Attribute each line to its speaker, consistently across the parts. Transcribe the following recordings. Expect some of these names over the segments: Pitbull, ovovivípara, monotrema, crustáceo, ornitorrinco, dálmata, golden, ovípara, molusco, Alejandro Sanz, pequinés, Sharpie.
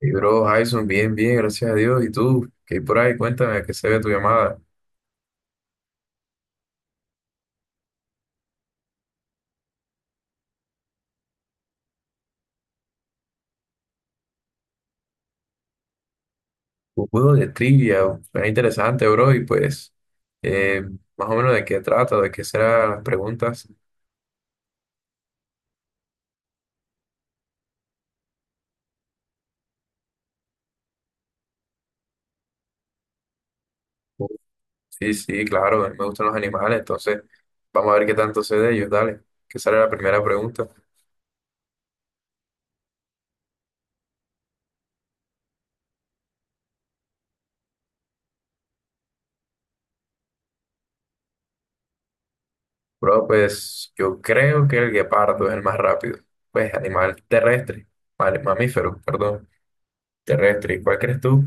Speaker 1: Y bro, Jason, bien, bien, gracias a Dios. ¿Y tú? ¿Qué hay por ahí? Cuéntame, que se ve tu llamada. Un juego de trivia, suena interesante, bro. Y pues, eh, más o menos de qué trata, de qué serán las preguntas. Sí, sí, claro, a mí me gustan los animales, entonces vamos a ver qué tanto sé de ellos. Dale, que sale la primera pregunta. Bro, pues yo creo que el guepardo es el más rápido. Pues animal terrestre, vale, mamífero, perdón, terrestre. ¿Cuál crees tú?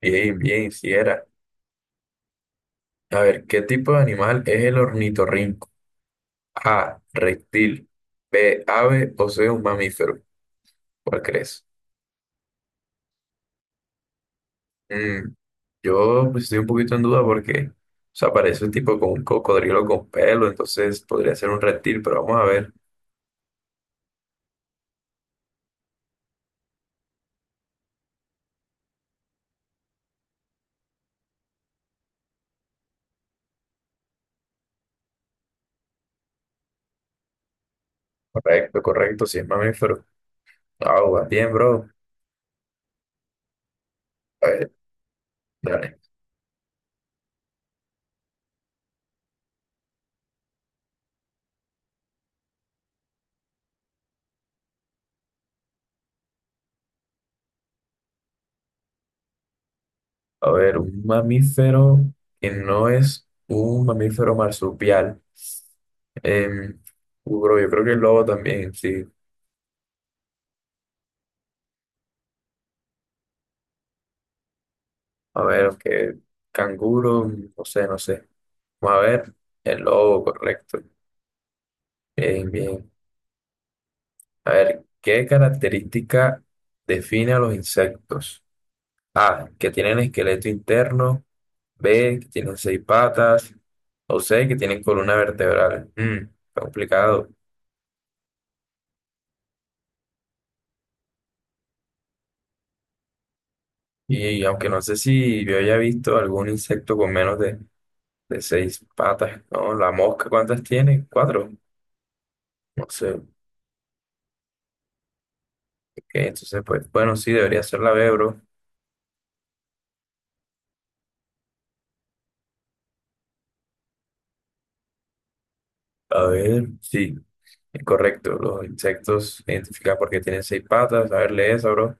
Speaker 1: Bien, bien, si era. A ver, ¿qué tipo de animal es el ornitorrinco? A, reptil, B, ave o C, un mamífero. ¿Cuál crees? Mm, yo pues, estoy un poquito en duda porque, o sea, parece un tipo con un cocodrilo con pelo, entonces podría ser un reptil, pero vamos a ver. Correcto, correcto, si es mamífero. Ah, va bien, bro. A ver, dale. A ver, un mamífero que no es un mamífero marsupial. Em, bro, yo creo que el lobo también, sí. A ver, aunque canguro, no sé, no sé. Vamos a ver, el lobo, correcto. Bien, bien. A ver, ¿qué característica define a los insectos? A, que tienen esqueleto interno, B, que tienen seis patas, o C, que tienen columna vertebral. Mm, está complicado. Y aunque no sé si yo haya visto algún insecto con menos de seis patas, ¿no? La mosca, ¿cuántas tiene? Cuatro. No sé. Ok, entonces, pues, bueno, sí, debería ser la B, bro. A ver, sí, es correcto. Los insectos identificados porque tienen seis patas. A ver, lee esa, bro.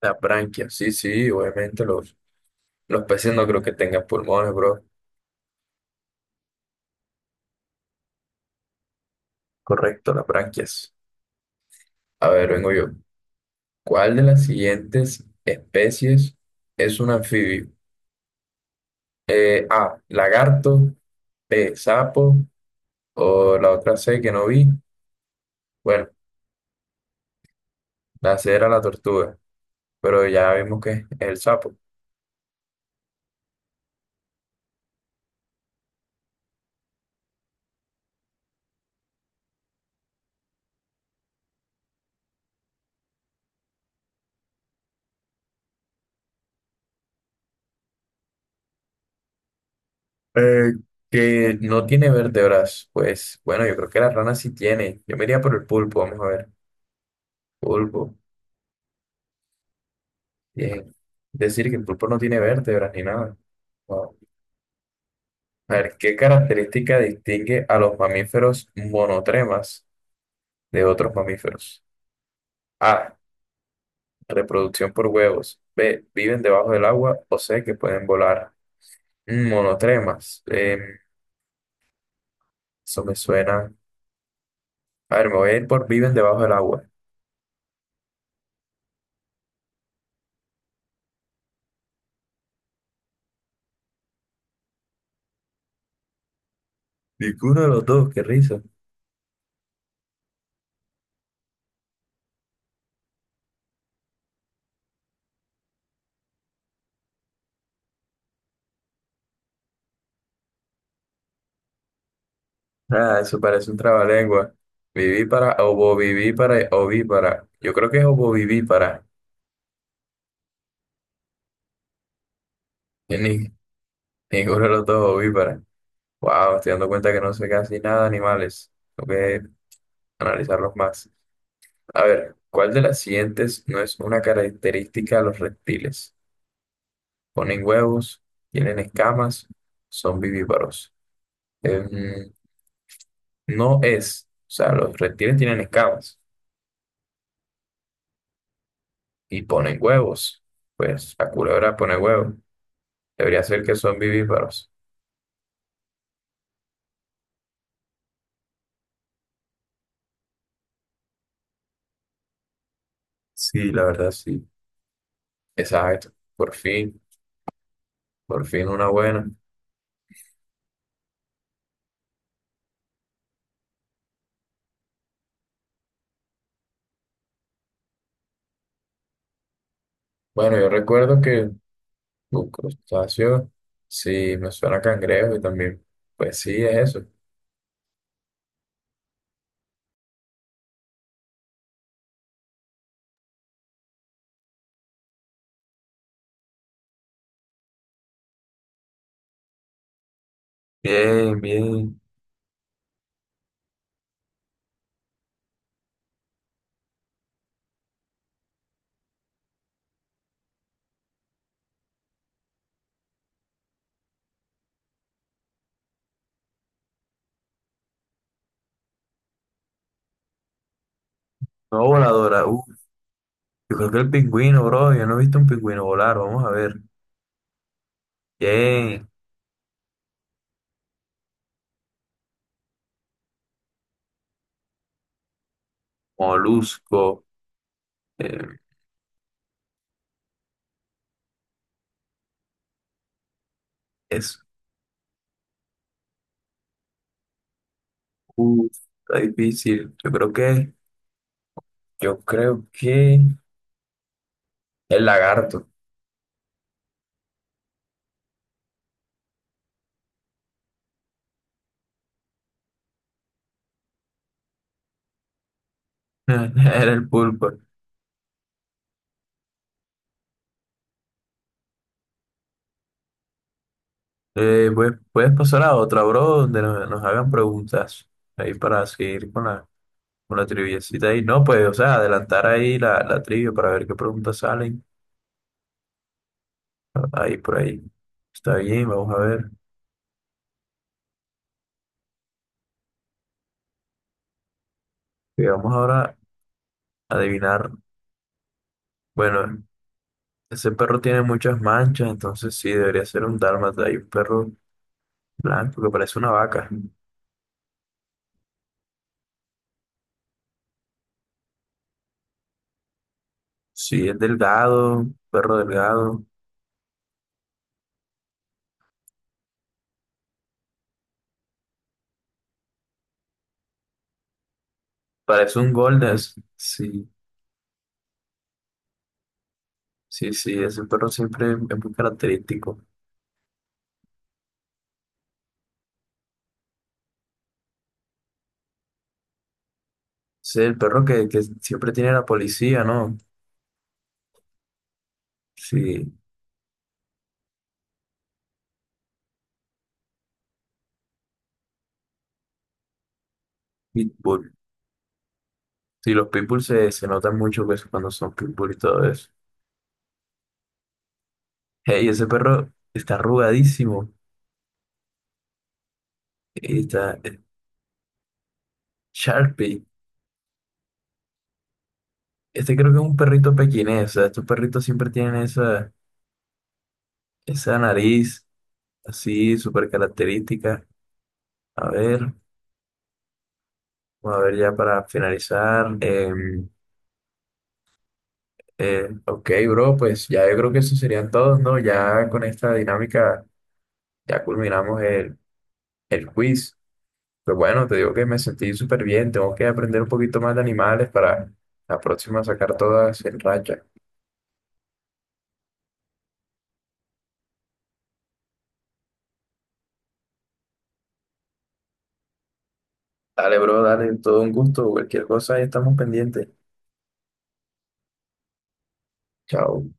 Speaker 1: Las branquias, sí, sí, obviamente los peces no creo que tengan pulmones, bro. Correcto, las branquias. A ver, vengo yo. ¿Cuál de las siguientes especies es un anfibio? A, lagarto, B, sapo, o la otra C que no vi. Bueno, la C era la tortuga, pero ya vimos que es el sapo. Eh, que no tiene vértebras, pues bueno, yo creo que la rana sí tiene. Yo me iría por el pulpo, vamos a ver. Pulpo, bien. Decir que el pulpo no tiene vértebras ni nada. Wow. A ver, ¿qué característica distingue a los mamíferos monotremas de otros mamíferos? A. Reproducción por huevos. B. Viven debajo del agua. O C. Que pueden volar. Mm, monotremas. Eso me suena. A ver, me voy a ir por viven debajo del agua. Ninguno de los dos, qué risa. Ah, eso parece un trabalengua. Viví para, ovovivípara, ovípara. Yo creo que es ovovivípara. Que Ni, ninguno de los dos ovípara. Wow, estoy dando cuenta que no sé casi nada de animales. Tengo que analizarlos más. A ver, ¿cuál de las siguientes no es una característica de los reptiles? Ponen huevos, tienen escamas, son vivíparos. Em, no es. O sea, los reptiles tienen escamas y ponen huevos. Pues la culebra pone huevos. Debería ser que son vivíparos. Sí, la verdad, sí. Exacto. Por fin una buena. Bueno, yo recuerdo que un crustáceo, sí, me suena a cangrejo y también, pues sí, es eso. Bien, bien. No voladora. Yo creo que el pingüino, bro. Yo no he visto un pingüino volar. Vamos a ver. Bien. Molusco. eh, es. Uh, está difícil. Yo creo que. El lagarto. Era el pulpo. Pues, puedes pasar a otra, bro, donde nos hagan preguntas. Ahí para seguir con con la triviecita ahí. No, pues, o sea, adelantar ahí la trivia para ver qué preguntas salen. Ahí por ahí. Está bien, vamos a ver. Vamos ahora a adivinar. Bueno, ese perro tiene muchas manchas, entonces sí, debería ser un dálmata. Hay un perro blanco que parece una vaca. Sí, es delgado, perro delgado. Parece un golden. Sí, sí, sí, ese perro siempre es muy característico. Sí, el perro que siempre tiene la policía, ¿no? Sí, Pitbull. Sí, los Pitbull se, se notan mucho pues, cuando son Pitbull y todo eso. Hey, ese perro está arrugadísimo. Y está Sharpie. Este creo que es un perrito pequinés. O sea, estos perritos siempre tienen esa, esa nariz así, súper característica. A ver, a ver ya para finalizar. Ok, bro, pues ya yo creo que eso serían todos, ¿no? Ya con esta dinámica ya culminamos el quiz. Pues bueno, te digo que me sentí súper bien. Tengo que aprender un poquito más de animales para la próxima sacar todas en racha. Dale, bro, dale, todo un gusto. Cualquier cosa, ahí estamos pendientes. Chao.